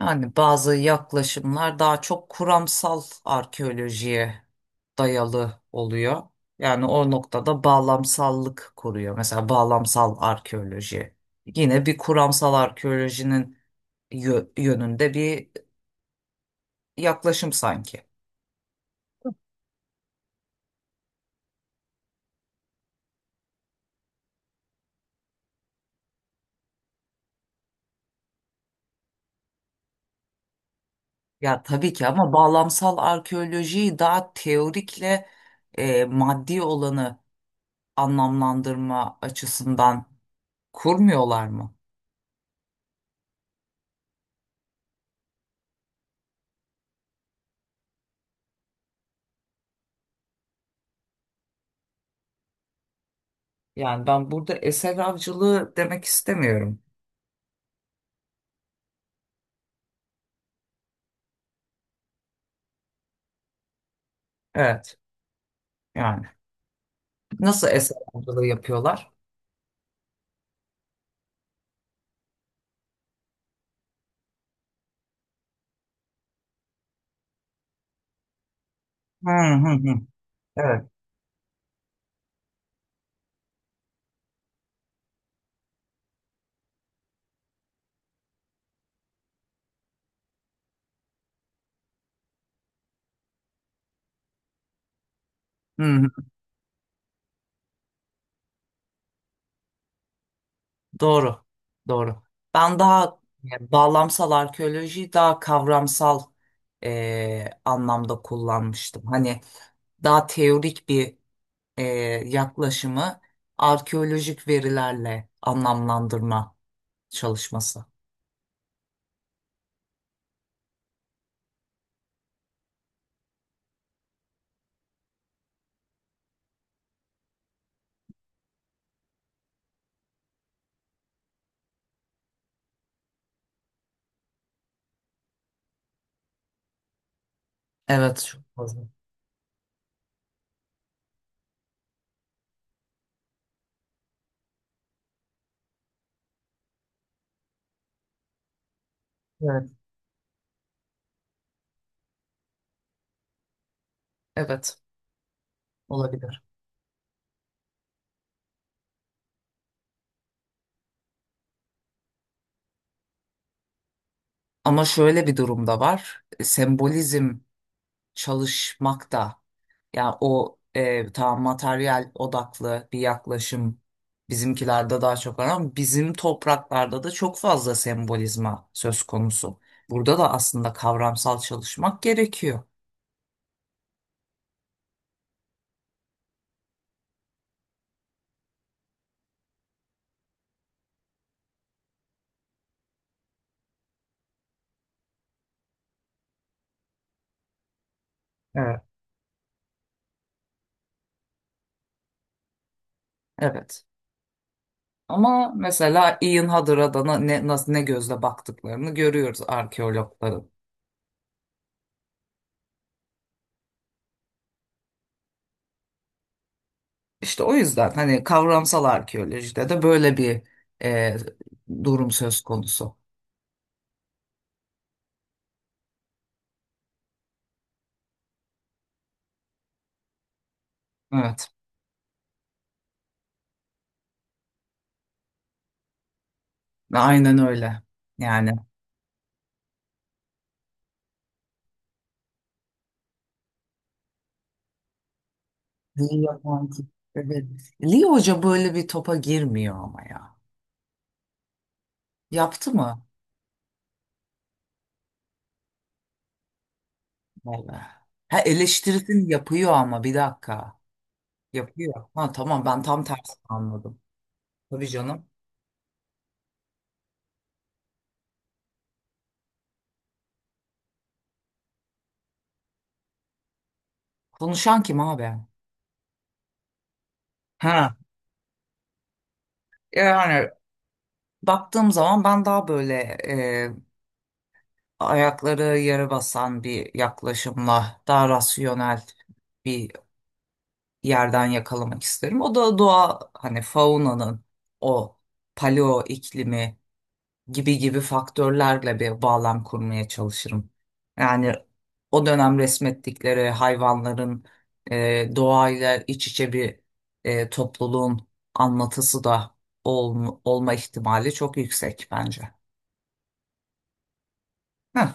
Yani bazı yaklaşımlar daha çok kuramsal arkeolojiye dayalı oluyor. Yani o noktada bağlamsallık koruyor. Mesela bağlamsal arkeoloji. Yine bir kuramsal arkeolojinin yönünde bir yaklaşım sanki. Ya tabii ki ama bağlamsal arkeolojiyi daha teorikle maddi olanı anlamlandırma açısından kurmuyorlar mı? Yani ben burada eser avcılığı demek istemiyorum. Evet. Yani nasıl eser avcılığı yapıyorlar? Hı hı hı. Evet. Hı hı. Doğru. Doğru. Ben daha yani bağlamsal arkeolojiyi daha kavramsal anlamda kullanmıştım. Hani daha teorik bir e, yaklaşımı arkeolojik verilerle anlamlandırma çalışması. Evet. Çok fazla. Evet. Evet. Olabilir. Ama şöyle bir durum da var. Sembolizm çalışmakta. Yani o tamam materyal odaklı bir yaklaşım bizimkilerde daha çok var ama bizim topraklarda da çok fazla sembolizma söz konusu. Burada da aslında kavramsal çalışmak gerekiyor. Evet. Evet. Ama mesela Ian Hadder'a da nasıl, ne gözle baktıklarını görüyoruz arkeologların. İşte o yüzden hani kavramsal arkeolojide de böyle bir e, durum söz konusu. Evet, aynen öyle. Yani Leo, evet. Leo Hoca böyle bir topa girmiyor ama ya. Yaptı mı? Vallahi. Ha eleştirisini yapıyor ama bir dakika. Yapıyor. Ha tamam ben tam tersini anladım. Tabii canım. Konuşan kim abi? Ha yani baktığım zaman ben daha böyle e, ayakları yere basan bir yaklaşımla daha rasyonel bir yerden yakalamak isterim. O da doğa hani faunanın o paleo iklimi gibi gibi faktörlerle bir bağlam kurmaya çalışırım. Yani o dönem resmettikleri hayvanların doğayla iç içe bir topluluğun anlatısı da olma ihtimali çok yüksek bence. Heh,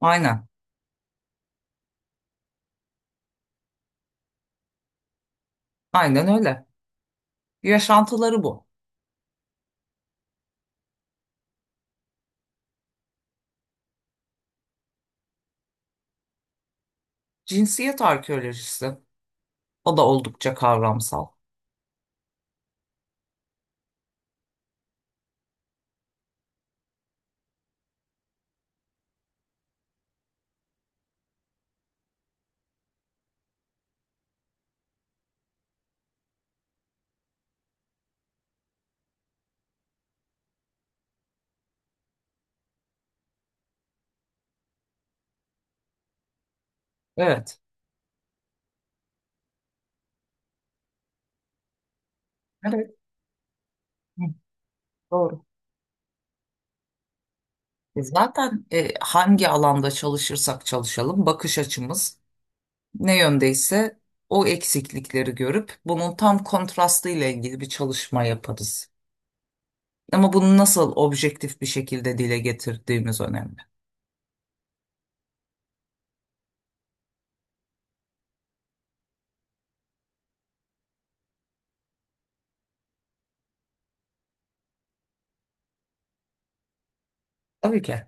aynen, aynen öyle. Yaşantıları bu. Cinsiyet arkeolojisi. O da oldukça kavramsal. Evet. Evet. Hı, doğru. Zaten hangi alanda çalışırsak çalışalım bakış açımız ne yöndeyse o eksiklikleri görüp bunun tam kontrastı ile ilgili bir çalışma yaparız. Ama bunu nasıl objektif bir şekilde dile getirdiğimiz önemli. Tabii ki.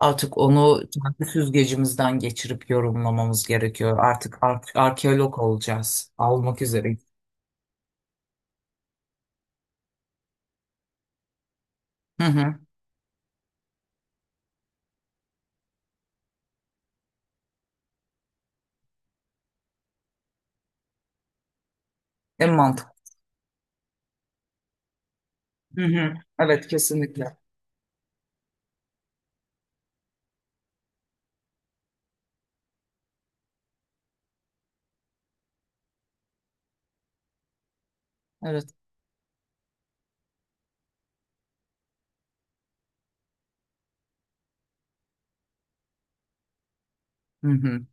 Artık onu kendi süzgecimizden geçirip yorumlamamız gerekiyor. Artık arkeolog olacağız. Almak üzere. Hı hı. En mantıklı. Hı hı. Evet, kesinlikle. Evet. Hı hı.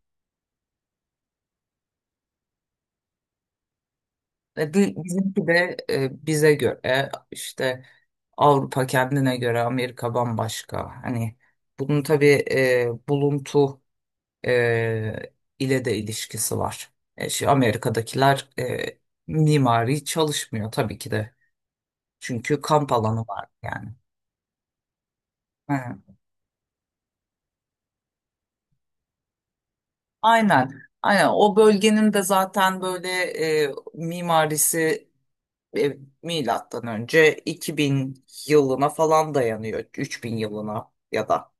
Bizimki de bize göre işte Avrupa kendine göre Amerika bambaşka. Hani bunun tabii buluntu e, ile de ilişkisi var. E, şu Amerika'dakiler mimari çalışmıyor tabii ki de. Çünkü kamp alanı var yani. He, aynen. Aynen. O bölgenin de zaten böyle mimarisi e, milattan önce 2000 yılına falan dayanıyor. 3000 yılına ya da.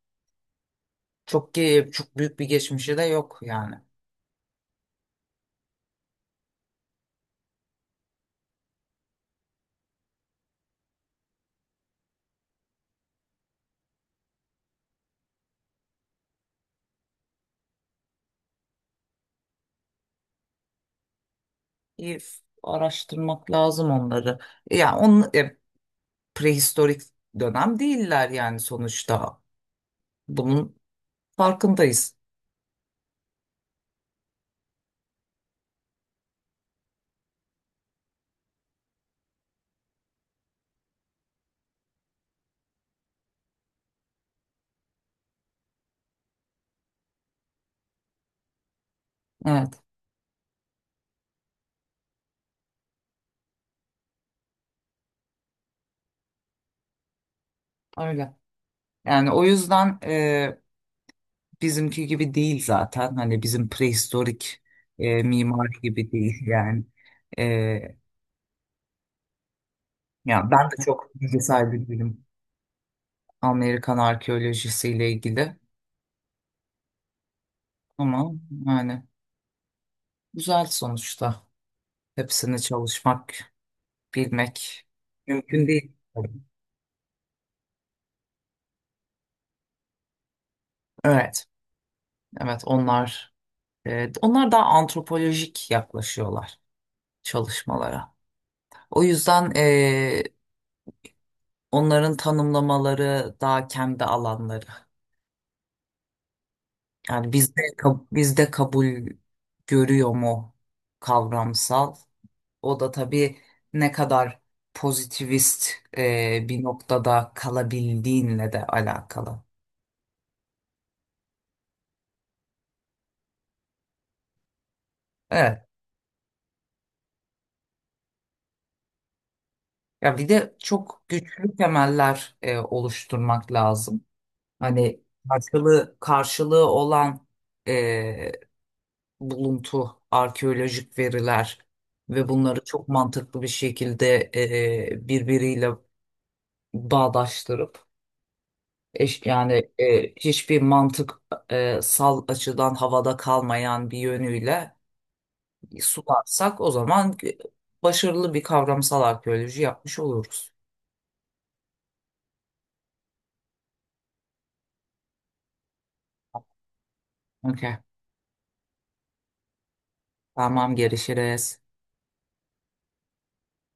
Çok büyük bir geçmişi de yok yani. İyi araştırmak lazım onları. Yani onun prehistorik dönem değiller yani sonuçta. Bunun farkındayız. Evet, öyle. Yani o yüzden bizimki gibi değil zaten. Hani bizim prehistorik mimari gibi değil yani. E, ya ben de çok bilgi sahibi değilim Amerikan arkeolojisiyle ilgili ama yani güzel sonuçta. Hepsini çalışmak, bilmek mümkün değil. Evet, evet onlar onlar daha antropolojik yaklaşıyorlar çalışmalara. O yüzden onların tanımlamaları daha kendi alanları. Yani bizde kabul görüyor mu kavramsal? O da tabii ne kadar pozitivist bir noktada kalabildiğinle de alakalı. Evet. Ya bir de çok güçlü temeller oluşturmak lazım. Hani karşılığı olan e, buluntu, arkeolojik veriler ve bunları çok mantıklı bir şekilde birbiriyle bağdaştırıp hiçbir mantık sal açıdan havada kalmayan bir yönüyle sularsak o zaman başarılı bir kavramsal arkeoloji yapmış oluruz. Okey. Tamam, görüşürüz.